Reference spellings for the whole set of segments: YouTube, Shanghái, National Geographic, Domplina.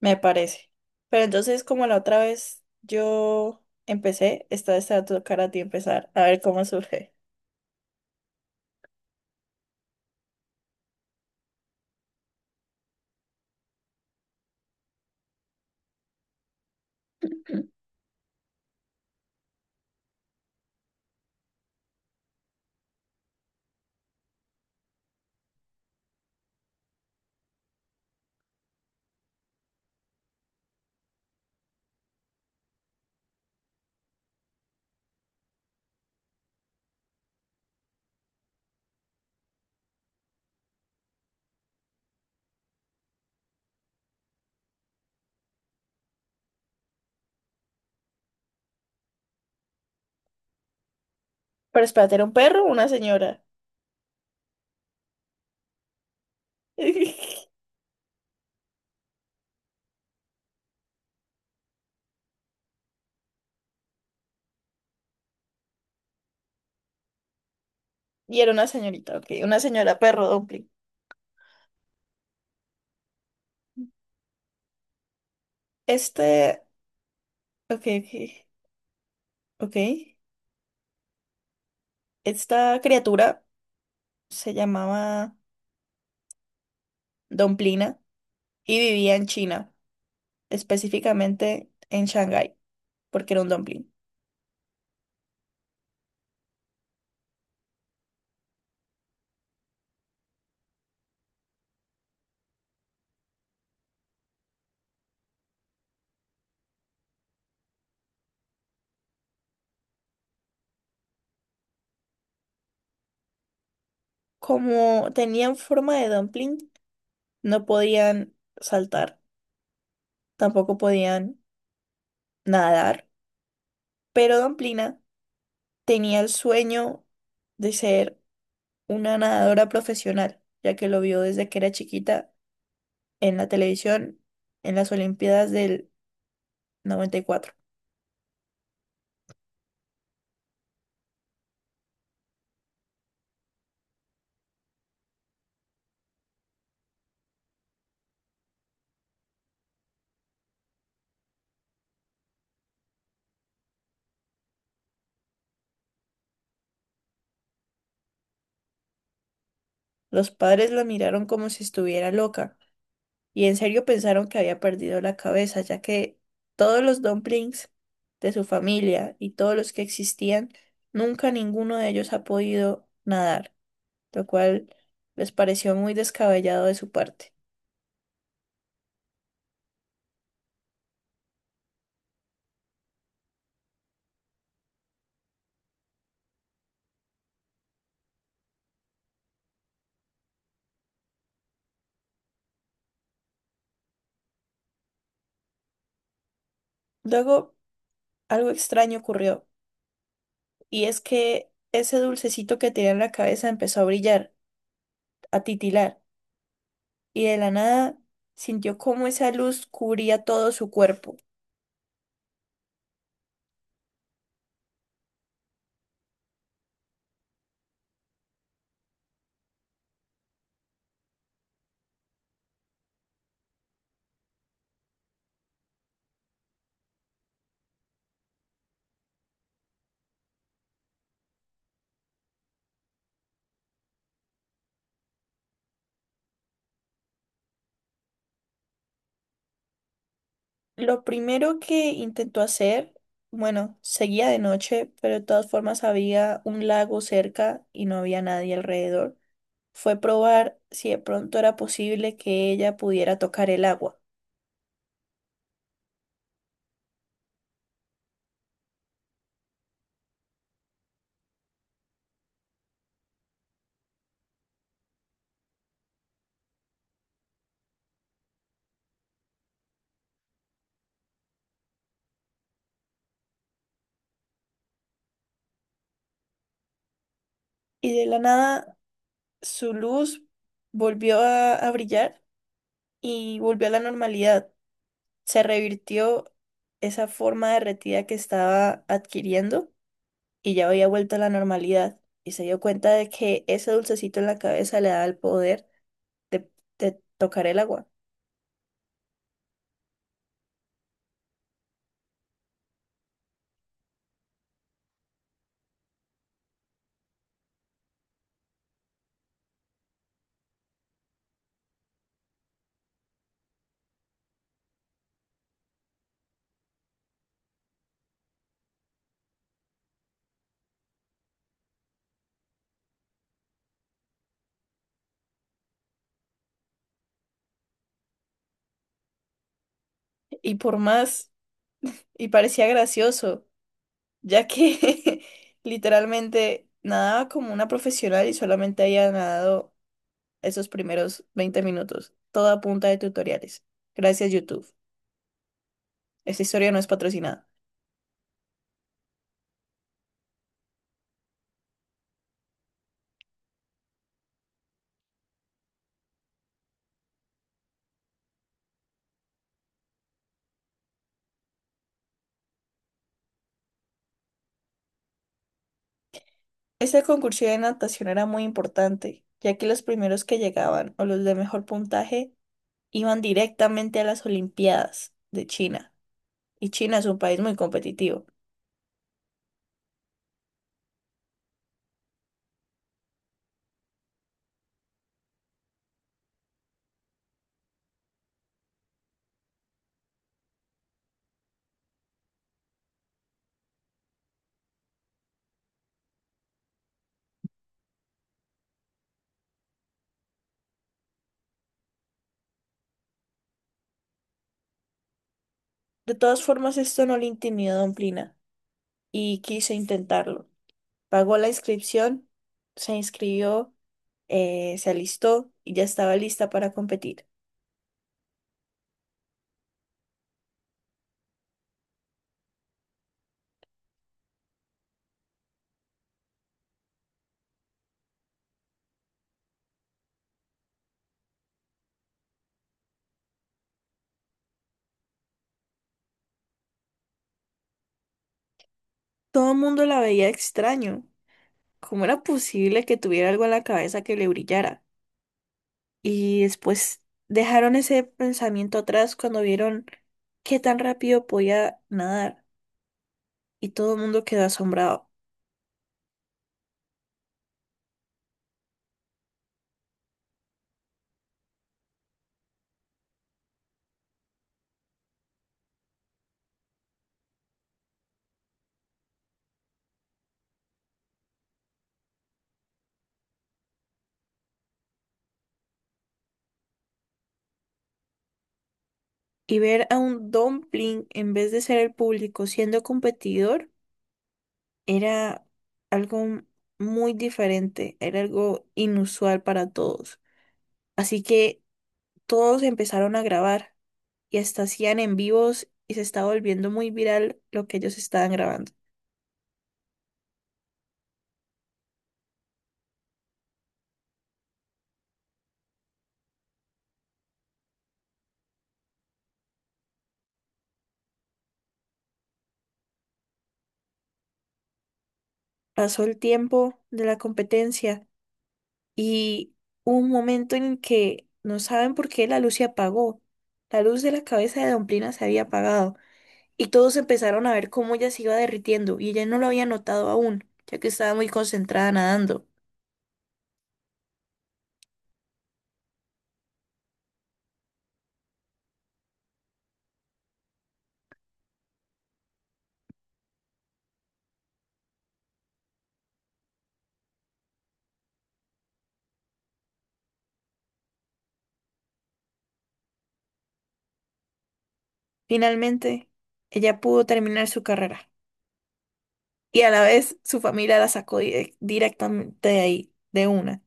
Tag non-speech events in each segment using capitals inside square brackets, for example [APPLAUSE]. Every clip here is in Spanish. Me parece. Pero entonces, como la otra vez yo empecé, esta vez te va a tocar a ti empezar, a ver cómo surge. Pero espérate, ¿era un perro o una señora? [LAUGHS] Y era una señorita, ok. Una señora perro dumpling. Este, ok, ok, ok. Esta criatura se llamaba Domplina y vivía en China, específicamente en Shanghái, porque era un dumpling. Como tenían forma de dumpling, no podían saltar, tampoco podían nadar, pero Don Plina tenía el sueño de ser una nadadora profesional, ya que lo vio desde que era chiquita en la televisión en las Olimpiadas del 94. Los padres la miraron como si estuviera loca y en serio pensaron que había perdido la cabeza, ya que todos los dumplings de su familia y todos los que existían, nunca ninguno de ellos ha podido nadar, lo cual les pareció muy descabellado de su parte. Luego algo extraño ocurrió, y es que ese dulcecito que tenía en la cabeza empezó a brillar, a titilar, y de la nada sintió cómo esa luz cubría todo su cuerpo. Lo primero que intentó hacer, bueno, seguía de noche, pero de todas formas había un lago cerca y no había nadie alrededor, fue probar si de pronto era posible que ella pudiera tocar el agua. Y de la nada su luz volvió a brillar y volvió a la normalidad. Se revirtió esa forma derretida que estaba adquiriendo y ya había vuelto a la normalidad. Y se dio cuenta de que ese dulcecito en la cabeza le daba el poder de, de tocar el agua. Y por más, y parecía gracioso, ya que [LAUGHS] literalmente nadaba como una profesional y solamente había nadado esos primeros 20 minutos, toda a punta de tutoriales. Gracias, YouTube. Esta historia no es patrocinada. Este concurso de natación era muy importante, ya que los primeros que llegaban o los de mejor puntaje iban directamente a las Olimpiadas de China. Y China es un país muy competitivo. De todas formas, esto no le intimidó a Don Plina y quiso intentarlo. Pagó la inscripción, se inscribió, se alistó y ya estaba lista para competir. Todo el mundo la veía extraño. ¿Cómo era posible que tuviera algo en la cabeza que le brillara? Y después dejaron ese pensamiento atrás cuando vieron qué tan rápido podía nadar. Y todo el mundo quedó asombrado. Y ver a un dumpling en vez de ser el público siendo competidor era algo muy diferente, era algo inusual para todos. Así que todos empezaron a grabar y hasta hacían en vivos y se estaba volviendo muy viral lo que ellos estaban grabando. Pasó el tiempo de la competencia, y hubo un momento en el que no saben por qué la luz se apagó. La luz de la cabeza de Domplina se había apagado y todos empezaron a ver cómo ella se iba derritiendo y ella no lo había notado aún, ya que estaba muy concentrada nadando. Finalmente, ella pudo terminar su carrera y a la vez su familia la sacó directamente de ahí, de una,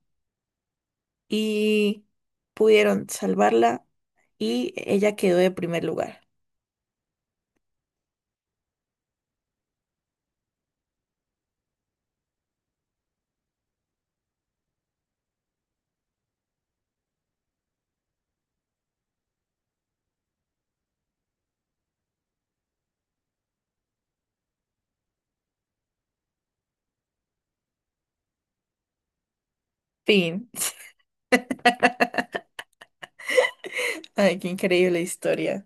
y pudieron salvarla y ella quedó de primer lugar. Fin. [LAUGHS] Ay, qué increíble historia.